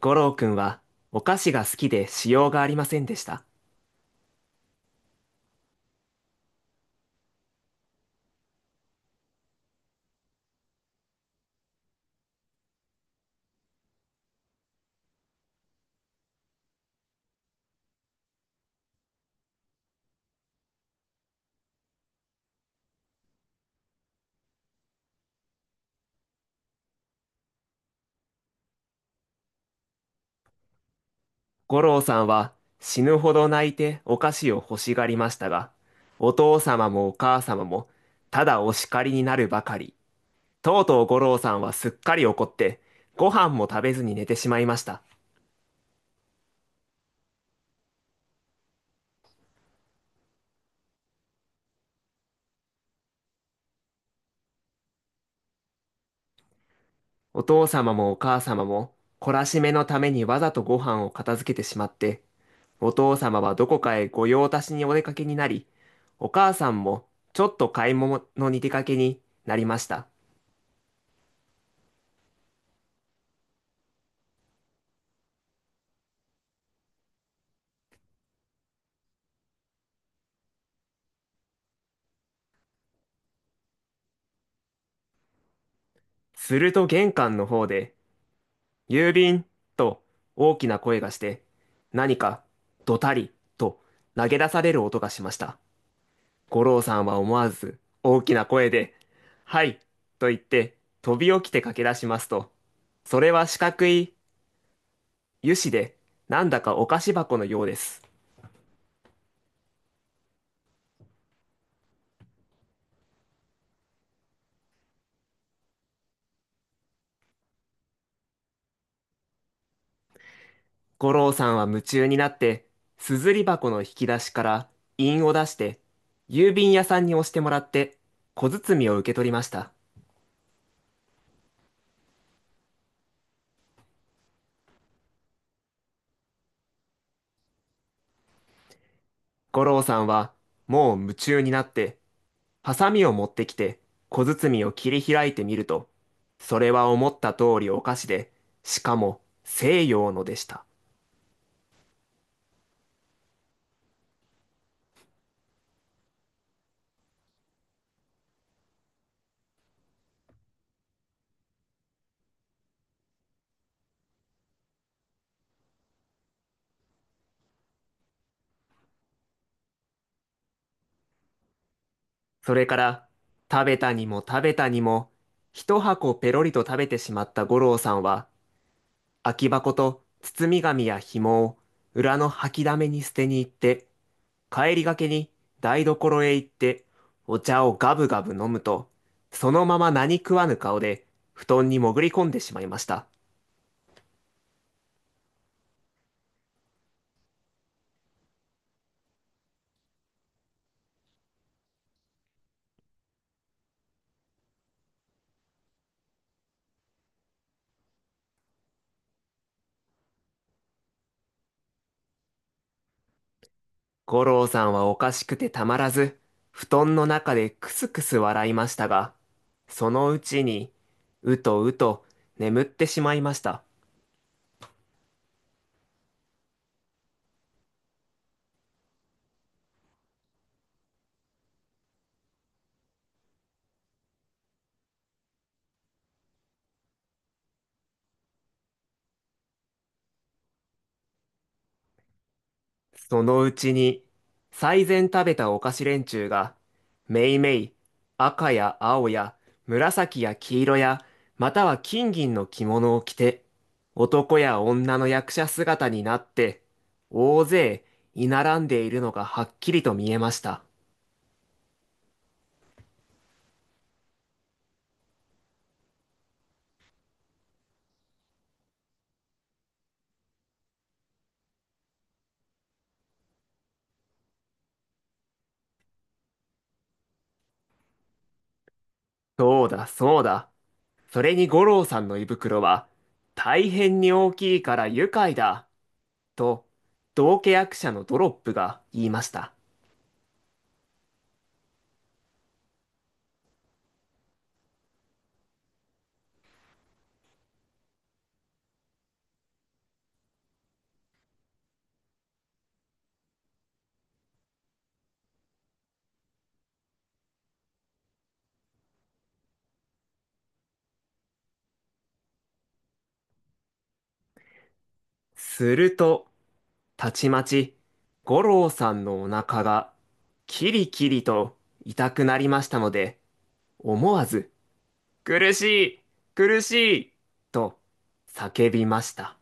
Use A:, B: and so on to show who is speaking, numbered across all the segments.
A: 五郎くんはお菓子が好きでしようがありませんでした。五郎さんは死ぬほど泣いてお菓子を欲しがりましたが、お父様もお母様もただお叱りになるばかり。とうとう五郎さんはすっかり怒って、ご飯も食べずに寝てしまいました。お父様もお母様も懲らしめのためにわざとご飯を片付けてしまって、お父様はどこかへ御用達にお出かけになり、お母さんもちょっと買い物に出かけになりました。すると玄関の方で、郵便と大きな声がして、何かドタリと投げ出される音がしました。五郎さんは思わず大きな声で、はい、と言って飛び起きて駆け出しますと、それは四角い油脂で、なんだかお菓子箱のようです。五郎さんは夢中になって、すずり箱の引き出しから印を出して、郵便屋さんに押してもらって、小包を受け取りました。五郎さんはもう夢中になってハサミを持ってきて小包を切り開いてみると、それは思った通りお菓子で、しかも西洋のでした。それから食べたにも食べたにも一箱ペロリと食べてしまった五郎さんは、空き箱と包み紙や紐を裏の掃き溜めに捨てに行って、帰りがけに台所へ行ってお茶をガブガブ飲むと、そのまま何食わぬ顔で布団に潜り込んでしまいました。五郎さんはおかしくてたまらず布団の中でクスクス笑いましたが、そのうちにうとうと眠ってしまいました。そのうちに、最前食べたお菓子連中が、めいめい、赤や青や、紫や黄色や、または金銀の着物を着て、男や女の役者姿になって、大勢、居並んでいるのがはっきりと見えました。そうだ、そうだ。それに五郎さんの胃袋は、大変に大きいから愉快だ、と、道化役者のドロップが言いました。すると、たちまち、五郎さんのお腹が、キリキリと痛くなりましたので、思わず、苦しい、苦しい、と叫びました。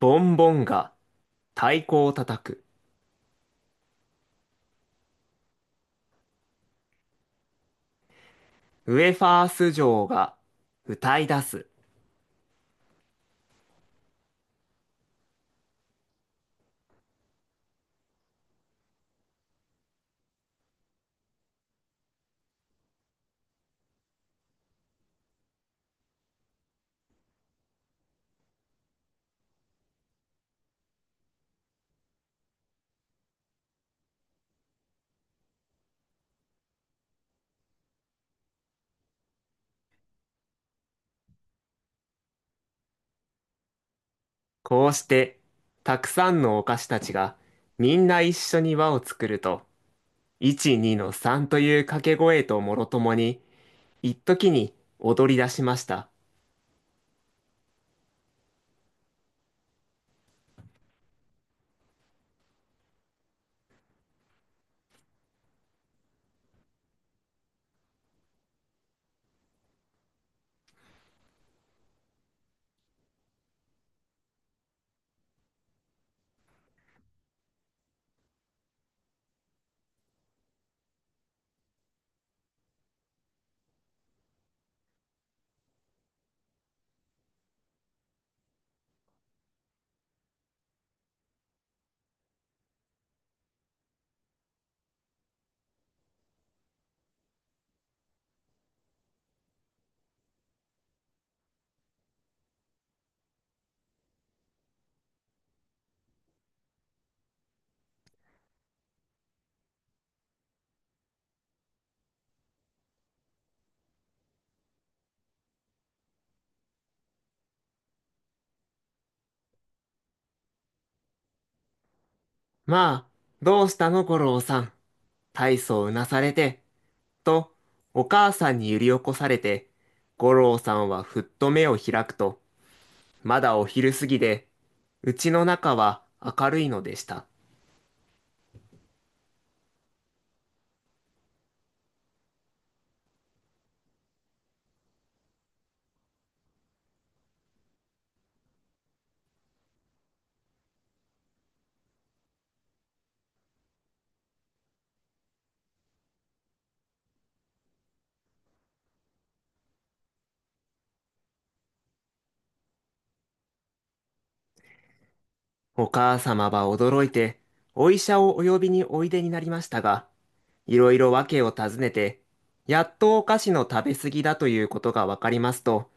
A: ボンボンが太鼓を叩く。ウェファース嬢が歌い出す。こうして、たくさんのお菓子たちが、みんな一緒に輪を作ると、1、2の3という掛け声ともろともに、一時に踊り出しました。まあ、どうしたの五郎さん。大層うなされて、と、お母さんに揺り起こされて、五郎さんはふっと目を開くと、まだお昼過ぎで、うちの中は明るいのでした。お母様は驚いて、お医者をお呼びにおいでになりましたが、いろいろ訳を尋ねて、やっとお菓子の食べ過ぎだということがわかりますと、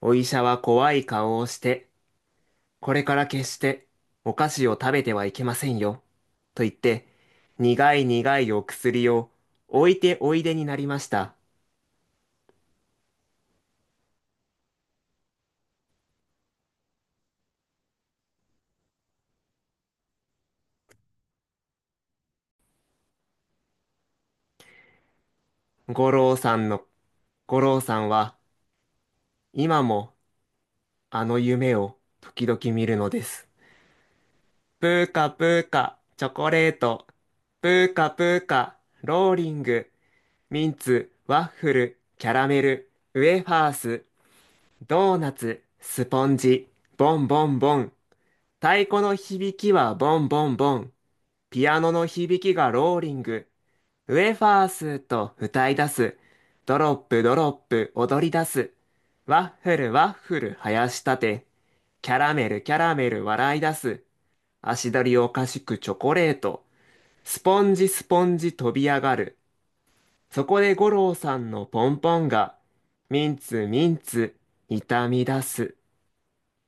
A: お医者は怖い顔をして、これから決してお菓子を食べてはいけませんよ、と言って、苦い苦いお薬を置いておいでになりました。五郎さんの、五郎さんは今もあの夢を時々見るのです。プーカプーカ、チョコレート。プーカプーカ、ローリング、ミンツ、ワッフル、キャラメル、ウェファース、ドーナツ、スポンジ、ボンボンボン。太鼓の響きはボンボンボン。ピアノの響きがローリング。ウェファースと歌い出す。ドロップドロップ踊り出す。ワッフルワッフル生やしたて。キャラメルキャラメル笑い出す。足取りおかしくチョコレート。スポンジスポンジ飛び上がる。そこで五郎さんのポンポンが、ミンツミンツ痛み出す。